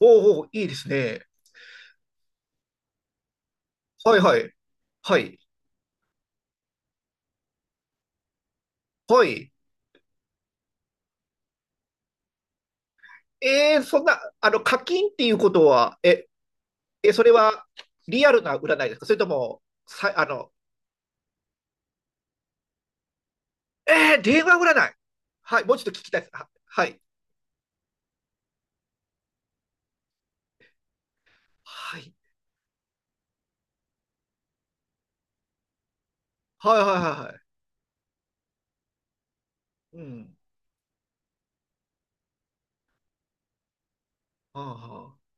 おうおう、いいですね。はいはい。はい。はい。そんな、課金っていうことは、それはリアルな占いですか？それとも、さ、あの、えー、電話占い。はい、もうちょっと聞きたいです。はい。はい。はいはいはいはい。うん。ああ。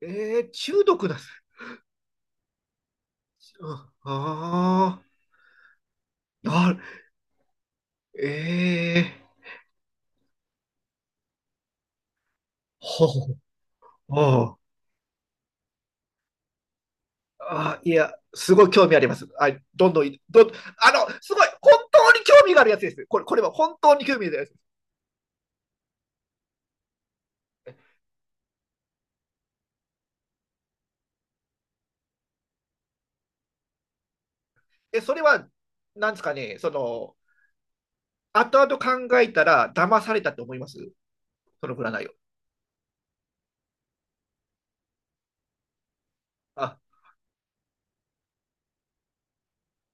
中毒なんです。うん、ああ。なる、ええー、ほう、ああ。あ、いや、すごい興味あります。あ、どんどんい、どん、あの、すごい、本当に興味があるやつです。これは本当に興味があるやつです。それは、なんですかね、後々考えたら、騙されたって思いますその占いを。あ、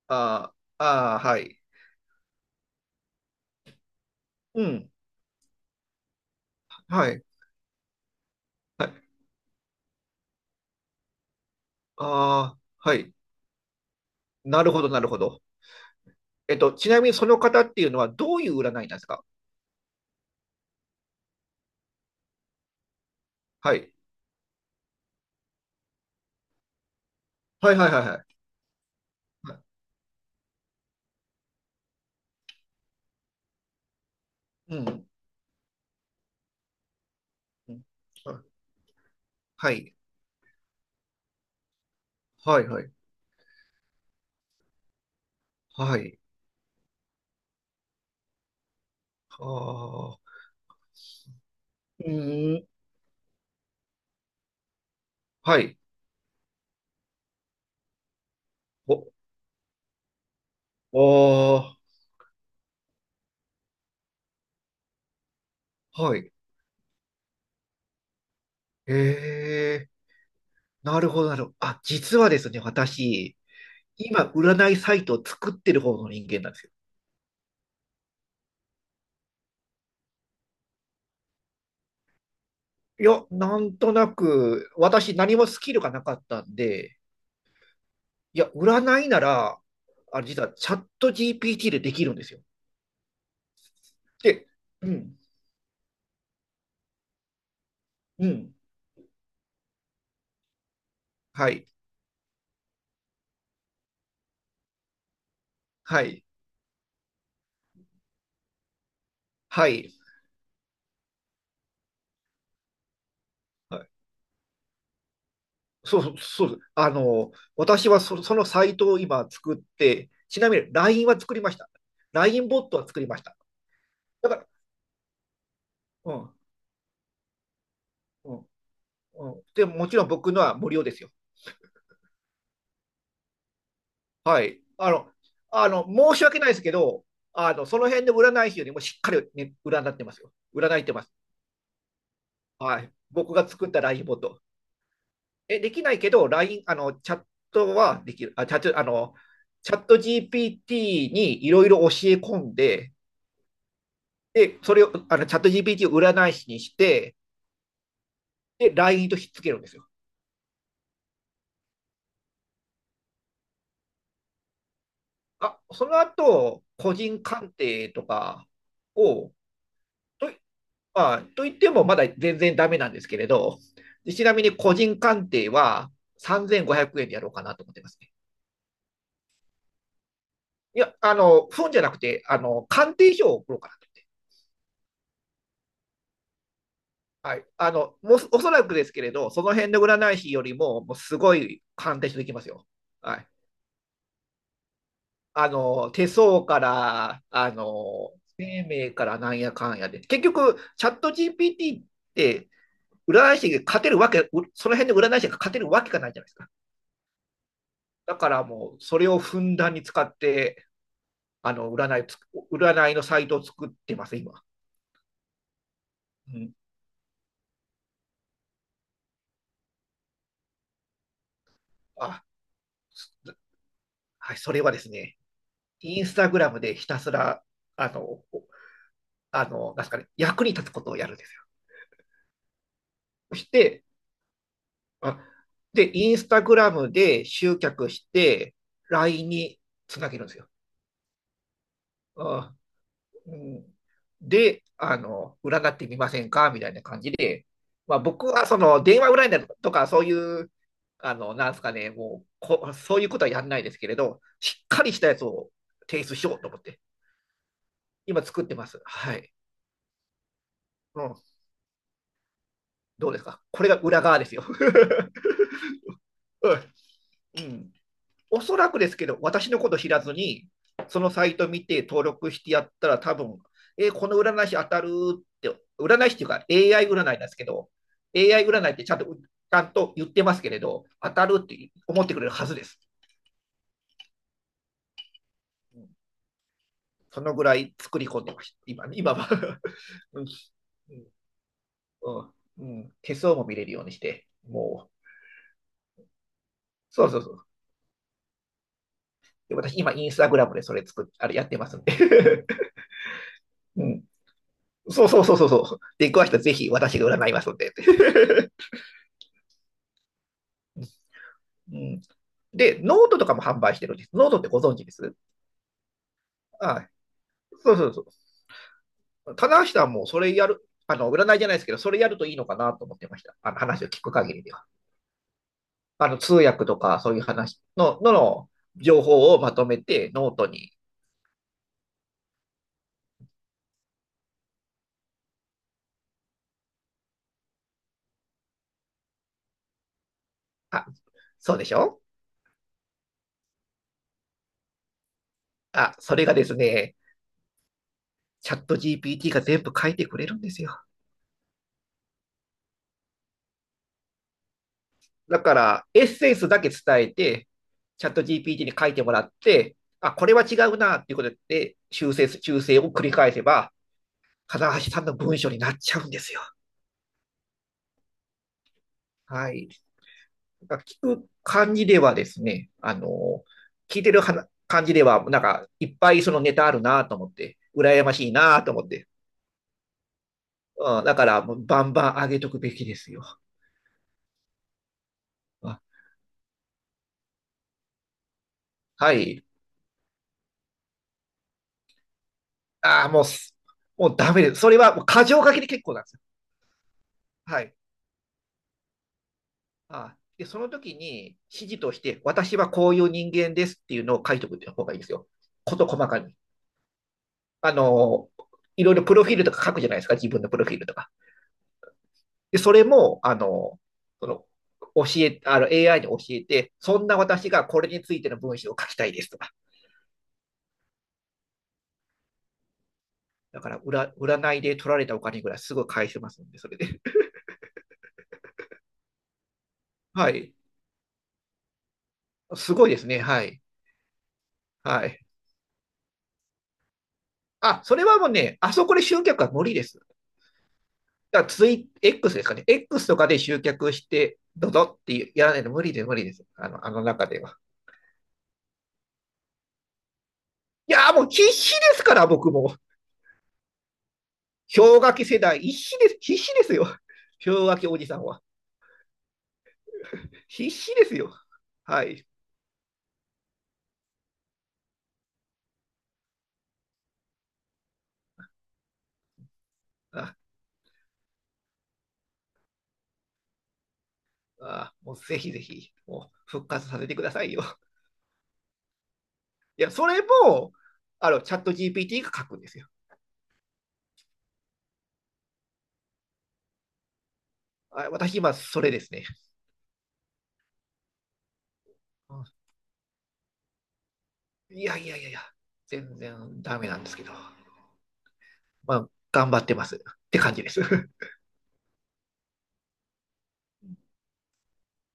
あ、はい。うん。はい。はい。ああ、はい。なるほど、なるほど。ちなみにその方っていうのは、どういう占いなんですか？はい。はい、はい、はい、はい。うん。うん、はい。はい、はい。はい。ああ。うーん。はい。お、あ、はい。ええ、なるほど、なるほど。あ、実はですね、私、今、占いサイトを作ってる方の人間なんですよ。いや、なんとなく、私、何もスキルがなかったんで、いや、占いなら、あ、実は、チャット GPT でできるんですよ。で、うん、うん、はい、はい、はい。そうそう、そうです。私はそのサイトを今作って、ちなみに LINE は作りました。LINE ボットは作りました。だから、うん、うん、うん。で、もちろん僕のは無料ですよ。はい。あの、申し訳ないですけど、その辺で占い師よりもしっかり、ね、占ってますよ。占いてます。はい。僕が作った LINE ボット。できないけど、LINE、チャットはできる。あ、チャット GPT にいろいろ教え込んで、で、それを、チャット GPT を占い師にして、で、LINE とひっつけるんですよ。あ、その後、個人鑑定とかを、と、まあ、と言ってもまだ全然ダメなんですけれど、でちなみに個人鑑定は3500円でやろうかなと思ってますね。いや、本じゃなくて、鑑定書を送ろうかなと思って。はい。もうおそらくですけれど、その辺の占い師よりも、もうすごい鑑定書できますよ。はい。手相から、生命からなんやかんやで。結局、チャット GPT って、占い師が勝てるわけ、うその辺で占い師が勝てるわけがないじゃないですか。だからもう、それをふんだんに使って、あの、占いつ、占いのサイトを作ってます、今。うん。あ、すはい、それはですね、インスタグラムでひたすら、あの、おあの、なんですかね、役に立つことをやるんですよ。そして、あ、で、インスタグラムで集客して、LINE につなげるんですよ。あ、うん、で、占ってみませんかみたいな感じで、まあ、僕はその電話占いだとか、そういう、なんですかね、もうこ、そういうことはやんないですけれど、しっかりしたやつを提出しようと思って、今作ってます。はい。うん、どうですか？これが裏側ですよ。うん、おそらくですけど、私のこと知らずに、そのサイト見て登録してやったら、多分、この占い師当たるって、占い師っていうか AI 占いなんですけど、AI 占いってちゃんと言ってますけれど、当たるって思ってくれるはずです。うん、そのぐらい作り込んでました、今は、うんうんうん。手相も見れるようにして、もう、そうそうそう。で私、今、インスタグラムでそれあれやってますんで。うん、そうそうそうそうそう。で、詳しくはぜひ私が占いますので。うん、で、ノートとかも販売してるんです。ノートってご存知です？はい。そうそうそう。棚橋さんもそれやる、占いじゃないですけど、それやるといいのかなと思ってました。あの話を聞く限りでは。通訳とかそういう話の、の情報をまとめてノートに。あ、そうでしょ？あ、それがですね、チャット GPT が全部書いてくれるんですよ。だから、エッセンスだけ伝えて、チャット GPT に書いてもらって、あ、これは違うなっていうことで修正修正を繰り返せば、金橋さんの文章になっちゃうんですよ。はい。聞く感じではですね、聞いてる感じでは、なんか、いっぱいそのネタあるなと思って、羨ましいなと思って、うん、だから、バンバン上げとくべきですよ。はい。ああ、もうもうダメです。それはもう過剰書きで結構なんですよ。はい。あで、その時に指示として、私はこういう人間ですっていうのを書いておくっていう方がいいですよ。こと細かに。あの、いろいろプロフィールとか書くじゃないですか、自分のプロフィールとか。で、それも、あの、その、教え、あの、AI に教えて、そんな私がこれについての文章を書きたいですとか。だから、占いで取られたお金ぐらいすぐ返せますんで、それで。はい。すごいですね。はい。はい。あ、それはもうね、あそこで集客は無理です。だからX ですかね。X とかで集客して、どうぞってやらないと無理です。あの、あの中では。いやー、もう必死ですから、僕も。氷河期世代、必死です。必死ですよ。氷河期おじさんは。必死ですよ。はい。あ、もうぜひぜひ、もう復活させてくださいよ。いや、それも、チャット GPT が書くんですよ。あ、私今、それですね。いやいやいやいや、全然ダメなんですけど。まあ、頑張ってますって感じです。